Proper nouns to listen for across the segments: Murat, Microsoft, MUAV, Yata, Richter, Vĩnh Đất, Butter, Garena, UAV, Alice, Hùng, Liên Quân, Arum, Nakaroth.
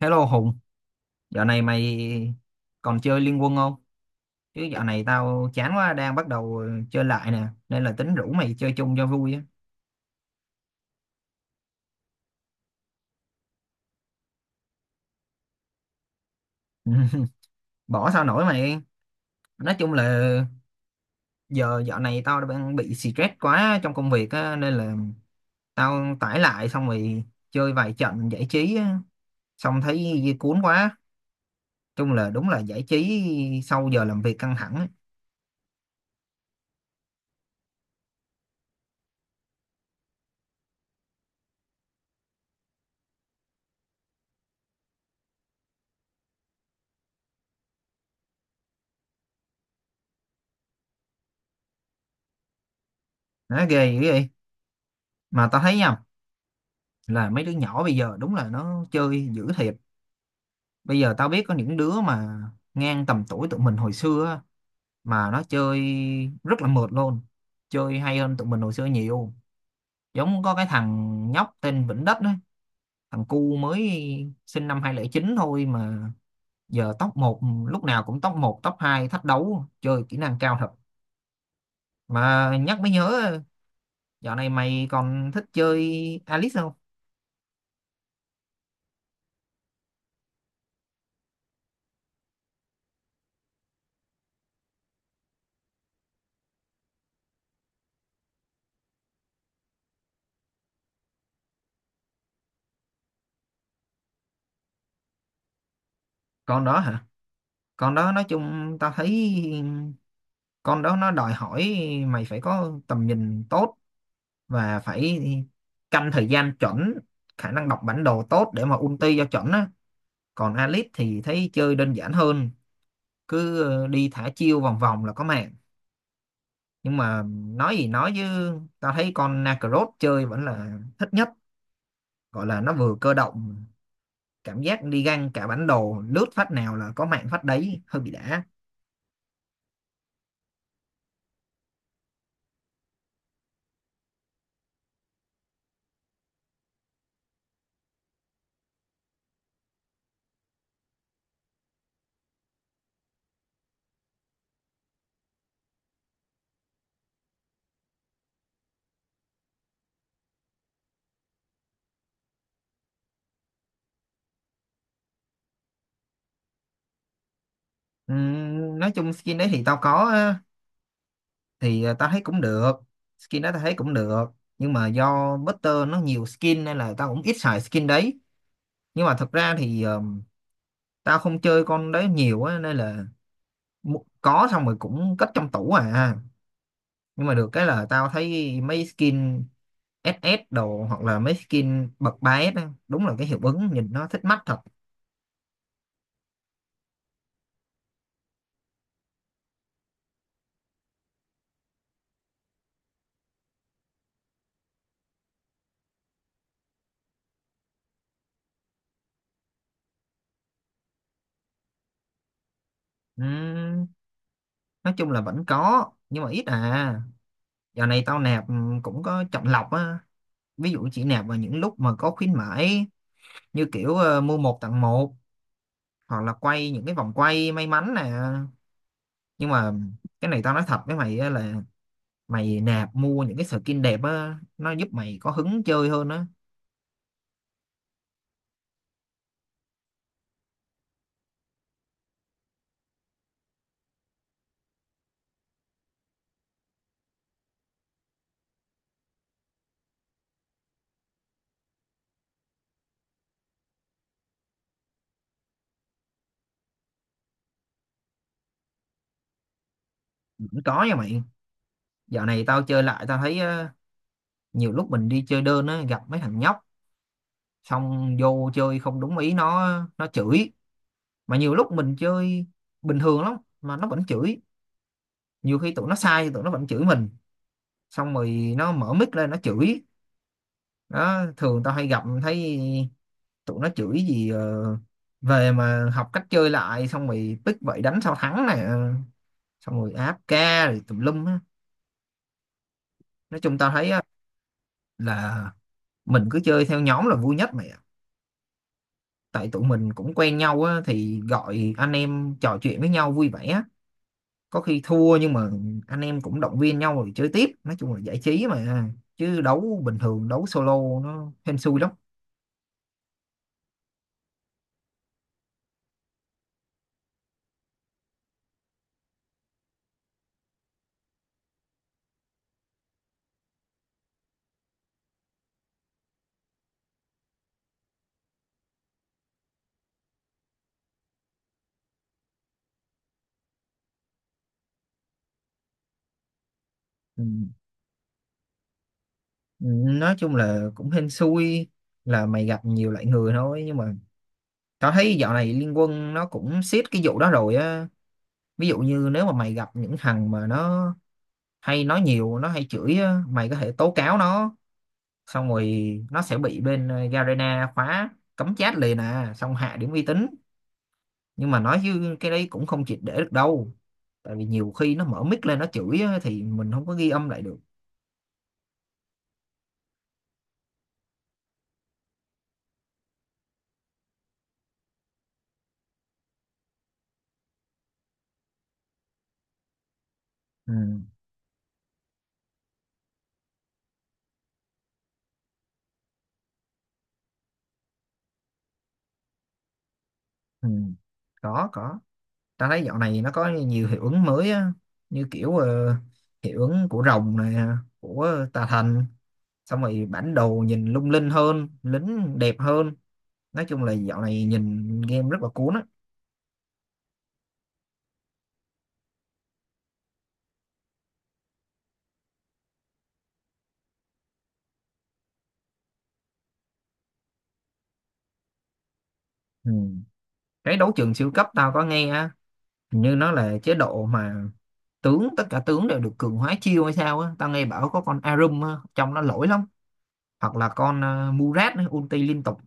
Hello Hùng, dạo này mày còn chơi Liên Quân không? Chứ dạo này tao chán quá, đang bắt đầu chơi lại nè, nên là tính rủ mày chơi chung cho vui á. Bỏ sao nổi mày. Nói chung là giờ dạo này tao đang bị stress quá trong công việc á, nên là tao tải lại xong rồi chơi vài trận giải trí á, xong thấy cuốn quá. Chung là đúng là giải trí sau giờ làm việc căng thẳng á. Nó ghê dữ vậy. Mà tao thấy nha, là mấy đứa nhỏ bây giờ đúng là nó chơi dữ thiệt. Bây giờ tao biết có những đứa mà ngang tầm tuổi tụi mình hồi xưa á, mà nó chơi rất là mượt luôn, chơi hay hơn tụi mình hồi xưa nhiều. Giống có cái thằng nhóc tên Vĩnh Đất á, thằng cu mới sinh năm 2009 thôi mà giờ top một, lúc nào cũng top một top 2 thách đấu, chơi kỹ năng cao thật. Mà nhắc mới nhớ, dạo này mày còn thích chơi Alice không? Con đó hả? Con đó nói chung tao thấy con đó nó đòi hỏi mày phải có tầm nhìn tốt và phải canh thời gian chuẩn, khả năng đọc bản đồ tốt để mà ulti cho chuẩn á. Còn Alice thì thấy chơi đơn giản hơn, cứ đi thả chiêu vòng vòng là có mạng. Nhưng mà nói gì nói chứ, tao thấy con Nakaroth chơi vẫn là thích nhất, gọi là nó vừa cơ động, cảm giác đi găng cả bản đồ, lướt phát nào là có mạng phát đấy, hơi bị đã. Nói chung skin đấy thì tao có, thì tao thấy cũng được, skin đó tao thấy cũng được, nhưng mà do Butter nó nhiều skin nên là tao cũng ít xài skin đấy. Nhưng mà thật ra thì tao không chơi con đấy nhiều á, nên là có xong rồi cũng cất trong tủ à. Nhưng mà được cái là tao thấy mấy skin SS đồ, hoặc là mấy skin bậc ba s á, đúng là cái hiệu ứng nhìn nó thích mắt thật. Ừm, nói chung là vẫn có nhưng mà ít à. Dạo này tao nạp cũng có chọn lọc á, ví dụ chỉ nạp vào những lúc mà có khuyến mãi, như kiểu mua một tặng một, hoặc là quay những cái vòng quay may mắn nè. Nhưng mà cái này tao nói thật với mày á, là mày nạp mua những cái skin đẹp á nó giúp mày có hứng chơi hơn á. Vẫn có nha mày. Dạo này tao chơi lại tao thấy nhiều lúc mình đi chơi đơn á gặp mấy thằng nhóc, xong vô chơi không đúng ý nó chửi. Mà nhiều lúc mình chơi bình thường lắm mà nó vẫn chửi, nhiều khi tụi nó sai thì tụi nó vẫn chửi mình. Xong rồi nó mở mic lên nó chửi. Đó thường tao hay gặp thấy tụi nó chửi gì về mà học cách chơi lại, xong rồi pick vậy đánh sao thắng nè, xong rồi áp ca rồi tùm lum á. Nói chung tao thấy á, là mình cứ chơi theo nhóm là vui nhất mày ạ, tại tụi mình cũng quen nhau á, thì gọi anh em trò chuyện với nhau vui vẻ á. Có khi thua nhưng mà anh em cũng động viên nhau rồi chơi tiếp, nói chung là giải trí mà, chứ đấu bình thường đấu solo nó hên xui lắm. Ừ. Ừ, nói chung là cũng hên xui, là mày gặp nhiều loại người thôi. Nhưng mà tao thấy dạo này Liên Quân nó cũng siết cái vụ đó rồi á. Ví dụ như nếu mà mày gặp những thằng mà nó hay nói nhiều, nó hay chửi á, mày có thể tố cáo nó. Xong rồi nó sẽ bị bên Garena khóa cấm chat liền à, xong hạ điểm uy tín. Nhưng mà nói chứ cái đấy cũng không triệt để được đâu. Tại vì nhiều khi nó mở mic lên nó chửi á, thì mình không có ghi âm lại được. Ừ, ừ. Có, có. Tao thấy dạo này nó có nhiều hiệu ứng mới á. Như kiểu hiệu ứng của rồng này, của tà thần, xong rồi bản đồ nhìn lung linh hơn, lính đẹp hơn. Nói chung là dạo này nhìn game rất là cuốn á. Ừ. Cái đấu trường siêu cấp tao có nghe á, hình như nó là chế độ mà tướng, tất cả tướng đều được cường hóa chiêu hay sao á. Tao nghe bảo có con Arum á, trong nó lỗi lắm, hoặc là con Murat á, ulti liên tục.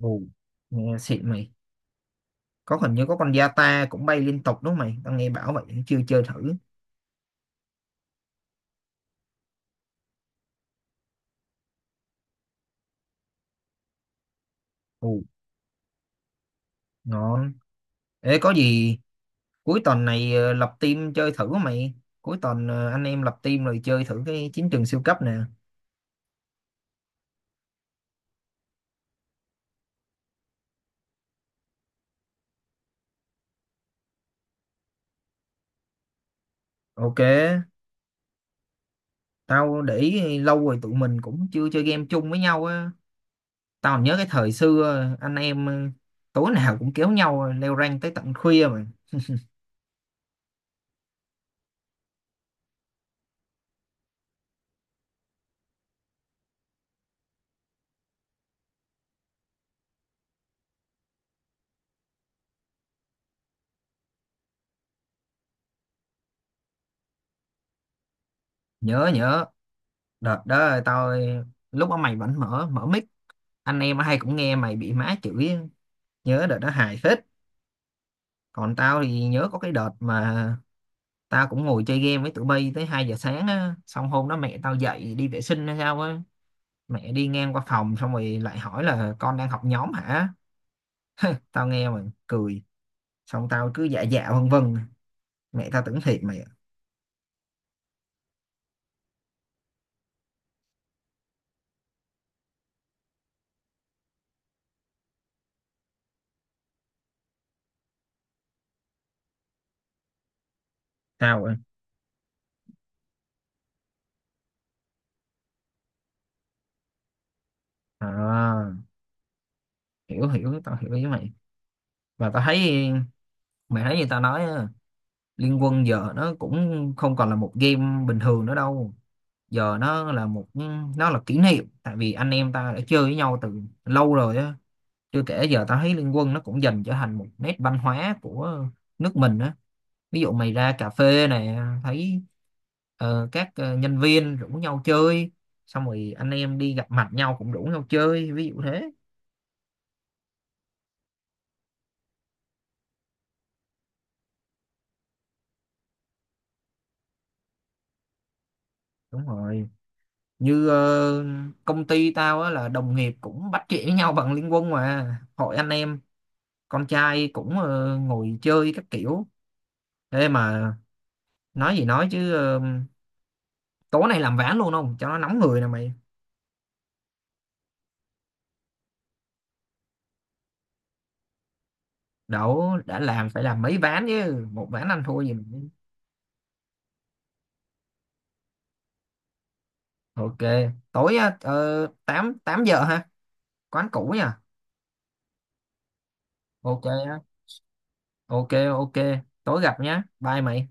Ồ, nghe xịn mày. Có, hình như có con Yata cũng bay liên tục đúng không mày, tao nghe bảo vậy chưa chơi thử. Ồ. Ngon. Ê, có gì cuối tuần này lập team chơi thử mày, cuối tuần anh em lập team rồi chơi thử cái chiến trường siêu cấp nè. OK, tao để ý lâu rồi tụi mình cũng chưa chơi game chung với nhau á. Tao nhớ cái thời xưa anh em tối nào cũng kéo nhau leo rank tới tận khuya mà. Nhớ, nhớ. Đợt đó tao lúc đó mày vẫn mở mở mic, anh em hay cũng nghe mày bị má chửi, nhớ đợt đó hài phết. Còn tao thì nhớ có cái đợt mà tao cũng ngồi chơi game với tụi bay tới 2 giờ sáng á, xong hôm đó mẹ tao dậy đi vệ sinh hay sao á, mẹ đi ngang qua phòng xong rồi lại hỏi là con đang học nhóm hả. Tao nghe mà cười, xong tao cứ dạ dạ vân vân, mẹ tao tưởng thiệt mày. Tao sao ạ? À, hiểu, hiểu, tao hiểu với mày. Và tao thấy mày thấy như tao nói á, Liên Quân giờ nó cũng không còn là một game bình thường nữa đâu, giờ nó là một, nó là kỷ niệm, tại vì anh em ta đã chơi với nhau từ lâu rồi á. Chưa kể giờ tao thấy Liên Quân nó cũng dần trở thành một nét văn hóa của nước mình á. Ví dụ mày ra cà phê này, thấy các nhân viên rủ nhau chơi, xong rồi anh em đi gặp mặt nhau cũng rủ nhau chơi, ví dụ thế. Đúng rồi, như công ty tao á là đồng nghiệp cũng bắt chuyện với nhau bằng Liên Quân, mà hội anh em con trai cũng ngồi chơi các kiểu. Thế mà nói gì nói chứ tối nay làm ván luôn không cho nó nóng người nè mày. Đậu, đã làm phải làm mấy ván chứ, một ván anh thua gì mà. OK, tối á, 8 giờ ha, quán cũ nha. OK á. OK, OK, tối gặp nhá, bye mày.